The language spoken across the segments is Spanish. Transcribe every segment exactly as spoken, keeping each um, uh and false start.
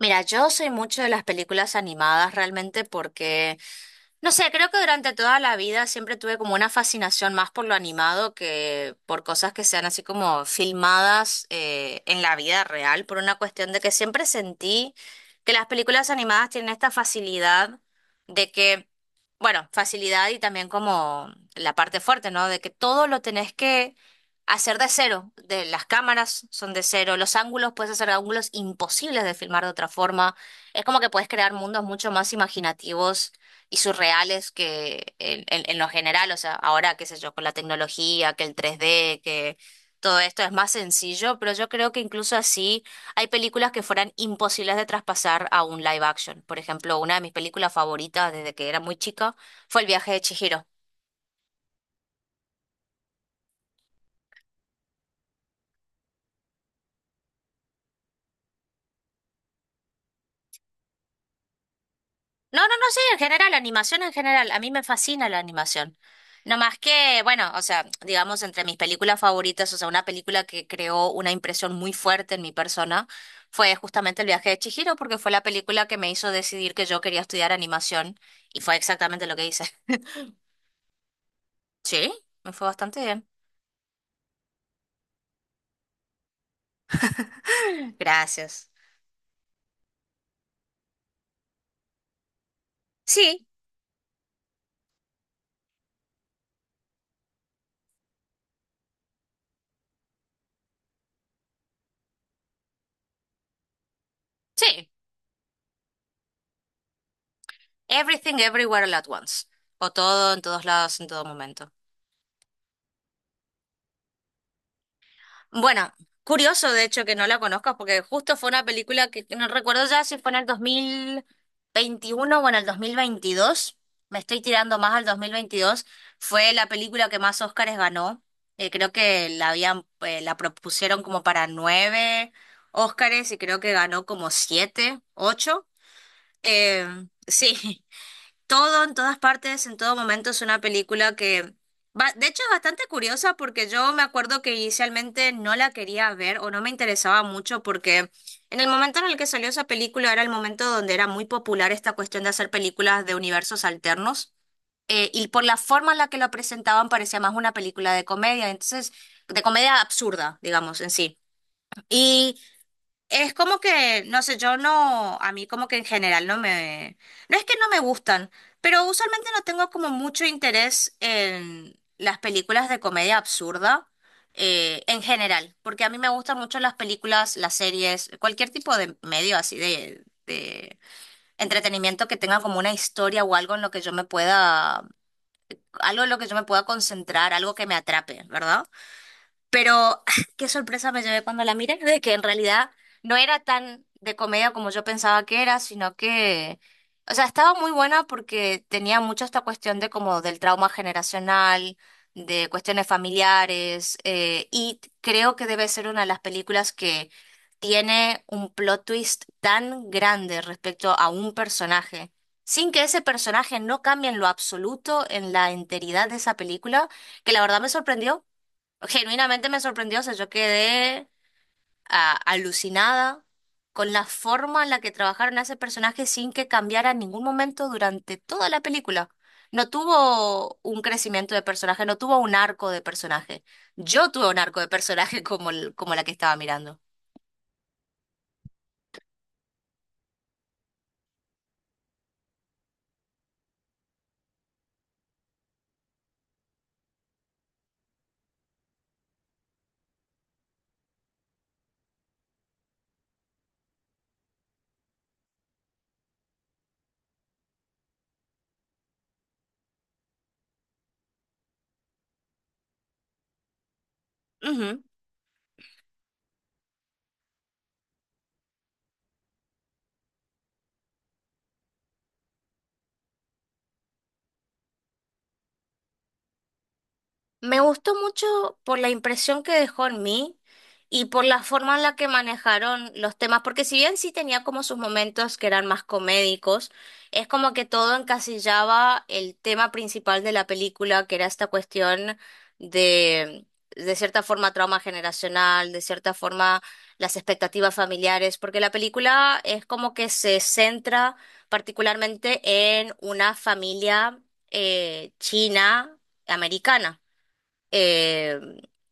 Mira, yo soy mucho de las películas animadas realmente porque, no sé, creo que durante toda la vida siempre tuve como una fascinación más por lo animado que por cosas que sean así como filmadas eh, en la vida real, por una cuestión de que siempre sentí que las películas animadas tienen esta facilidad de que bueno, facilidad y también como la parte fuerte, ¿no? De que todo lo tenés que hacer de cero. De las cámaras son de cero, los ángulos puedes hacer ángulos imposibles de filmar de otra forma. Es como que puedes crear mundos mucho más imaginativos y surreales que en, en- en lo general. O sea, ahora, qué sé yo, con la tecnología, que el tres D, que todo esto es más sencillo, pero yo creo que incluso así. Hay películas que fueran imposibles de traspasar a un live action. Por ejemplo, una de mis películas favoritas desde que era muy chica fue El viaje de Chihiro. No, no, no, sí, en general, animación en general. A mí me fascina la animación. No más que, bueno, o sea, digamos, entre mis películas favoritas, o sea, una película que creó una impresión muy fuerte en mi persona fue justamente El viaje de Chihiro, porque fue la película que me hizo decidir que yo quería estudiar animación y fue exactamente lo que hice. Sí, me fue bastante bien. Gracias. Sí, sí. Everything Everywhere All at Once. O todo en todos lados, en todo momento. Bueno, curioso de hecho que no la conozcas porque justo fue una película que no recuerdo ya si fue en el dos mil veintiuno o en el dos mil veintidós. Me estoy tirando más al dos mil veintidós. Fue la película que más Óscares ganó. Eh, creo que la habían, eh, la propusieron como para nueve Óscares y creo que ganó como siete, ocho. Eh, sí. Todo, en todas partes, en todo momento es una película que, va- de hecho, es bastante curiosa porque yo me acuerdo que inicialmente no la quería ver o no me interesaba mucho porque en el momento en el que salió esa película era el momento donde era muy popular esta cuestión de hacer películas de universos alternos eh, y por la forma en la que lo presentaban parecía más una película de comedia, entonces, de comedia absurda, digamos, en sí. Y es como que, no sé, yo no, a mí como que en general no me, no es que no me gustan, pero usualmente no tengo como mucho interés en las películas de comedia absurda eh, en general, porque a mí me gustan mucho las películas, las series, cualquier tipo de medio así de, de entretenimiento que tenga como una historia o algo en lo que yo me pueda, algo en lo que yo me pueda concentrar, algo que me atrape, ¿verdad? Pero qué sorpresa me llevé cuando la miré, de que en realidad no era tan de comedia como yo pensaba que era, sino que, o sea, estaba muy buena porque tenía mucho esta cuestión de como del trauma generacional, de cuestiones familiares, eh, y creo que debe ser una de las películas que tiene un plot twist tan grande respecto a un personaje, sin que ese personaje no cambie en lo absoluto en la enteridad de esa película, que la verdad me sorprendió genuinamente me sorprendió, o sea, yo quedé ah, alucinada con la forma en la que trabajaron a ese personaje sin que cambiara en ningún momento durante toda la película. No tuvo un crecimiento de personaje, no tuvo un arco de personaje. Yo tuve un arco de personaje como, el- como la que estaba mirando. Me gustó mucho por la impresión que dejó en mí y por la forma en la que manejaron los temas, porque si bien sí tenía como sus momentos que eran más comédicos, es como que todo encasillaba el tema principal de la película, que era esta cuestión de, de cierta forma, trauma generacional, de cierta forma, las expectativas familiares, porque la película es como que se centra particularmente en una familia eh, china americana. Eh,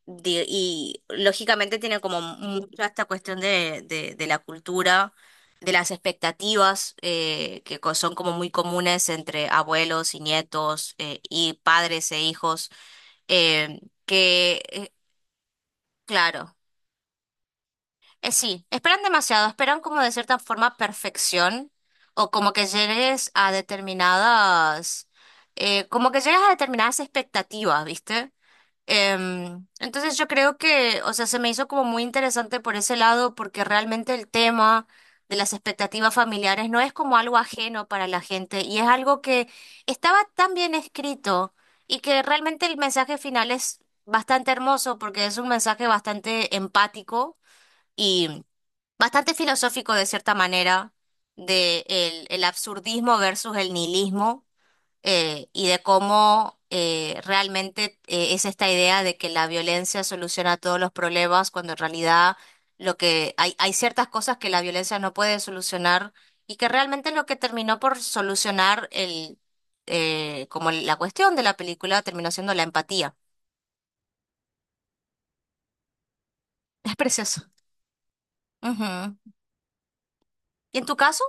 di- y lógicamente tiene como mucha esta cuestión de, de, de la cultura, de las expectativas eh, que co- son como muy comunes entre abuelos y nietos eh, y padres e hijos, eh, que, eh, claro, eh, sí, esperan demasiado, esperan como de cierta forma perfección o como que llegues a determinadas, eh, como que llegas a determinadas expectativas, ¿viste? Em, entonces yo creo que, o sea, se me hizo como muy interesante por ese lado, porque realmente el tema de las expectativas familiares no es como algo ajeno para la gente y es algo que estaba tan bien escrito y que realmente el mensaje final es bastante hermoso porque es un mensaje bastante empático y bastante filosófico de cierta manera, de el, el absurdismo versus el nihilismo eh, y de cómo eh, realmente eh, es esta idea de que la violencia soluciona todos los problemas, cuando en realidad lo que hay, hay ciertas cosas que la violencia no puede solucionar y que realmente lo que terminó por solucionar el eh, como la cuestión de la película terminó siendo la empatía. Es precioso. Ujú. ¿Y en tu caso?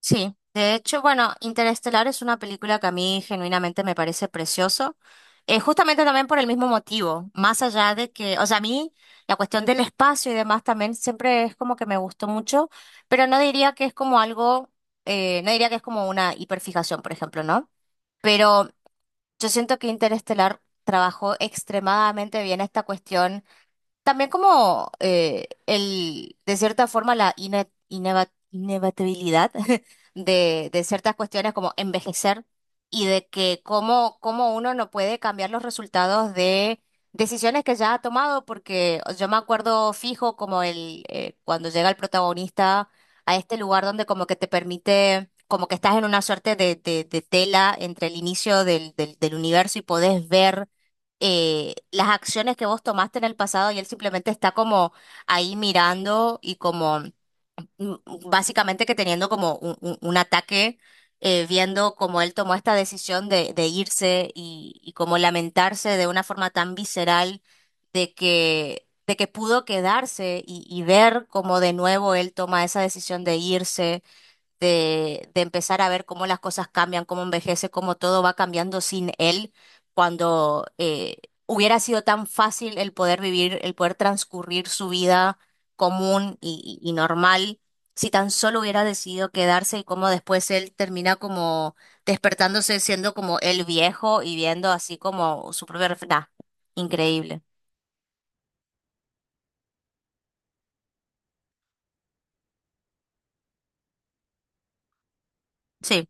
Sí, de hecho, bueno, Interestelar es una película que a mí genuinamente me parece precioso, eh, justamente también por el mismo motivo, más allá de que, o sea, a mí la cuestión del espacio y demás también siempre es como que me gustó mucho, pero no diría que es como algo, eh, no diría que es como una hiperfijación, por ejemplo, ¿no? Pero yo siento que Interestelar trabajó extremadamente bien esta cuestión también como eh, el, de cierta forma, la ine- ineva- inevitabilidad de, de ciertas cuestiones como envejecer y de que cómo, cómo uno no puede cambiar los resultados de decisiones que ya ha tomado, porque yo me acuerdo fijo como el eh, cuando llega el protagonista a este lugar donde como que te permite, como que estás en una suerte de, de, de tela entre el inicio del, del, del universo y podés ver eh, las acciones que vos tomaste en el pasado y él simplemente está como ahí mirando y como mm, básicamente que teniendo como un, un- un ataque, eh, viendo cómo él tomó esta decisión de, de irse y, y como lamentarse de una forma tan visceral de que, de que pudo quedarse y, y ver cómo de nuevo él toma esa decisión de irse de, de empezar a ver cómo las cosas cambian, cómo envejece, cómo todo va cambiando sin él, cuando eh, hubiera sido tan fácil el poder vivir, el poder transcurrir su vida común y, y- y normal, si tan solo hubiera decidido quedarse y cómo después él termina como despertándose siendo como el viejo y viendo así como su propia... ref- Nah, increíble. Sí,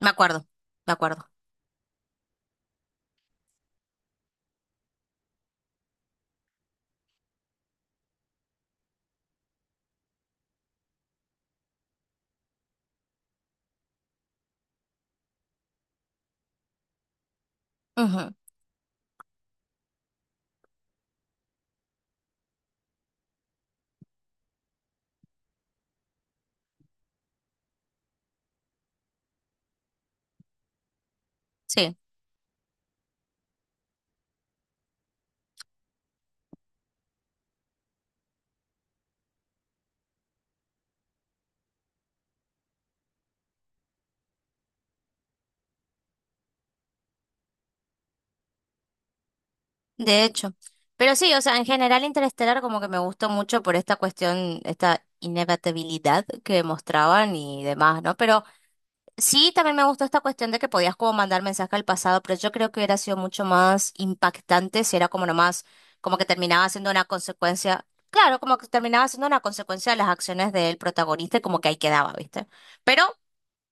me acuerdo, me acuerdo. Ujú. Sí. De hecho. Pero sí, o sea, en general Interestelar como que me gustó mucho por esta cuestión, esta inevitabilidad que mostraban y demás, ¿no? Pero sí, también me gustó esta cuestión de que podías como mandar mensaje al pasado, pero yo creo que hubiera sido mucho más impactante si era como nomás, como que terminaba siendo una consecuencia, claro, como que terminaba siendo una consecuencia de las acciones del protagonista y como que ahí quedaba, ¿viste? Pero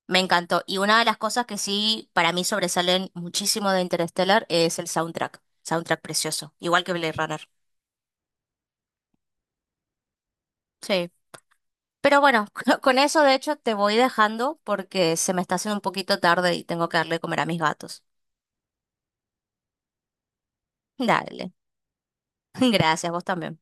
me encantó. Y una de las cosas que sí para mí sobresalen muchísimo de Interstellar es el soundtrack. Soundtrack precioso, igual que Blade Runner. Sí. Pero bueno, con con eso de hecho te voy dejando porque se me está haciendo un poquito tarde y tengo que darle de comer a mis gatos. Dale. Gracias, vos también.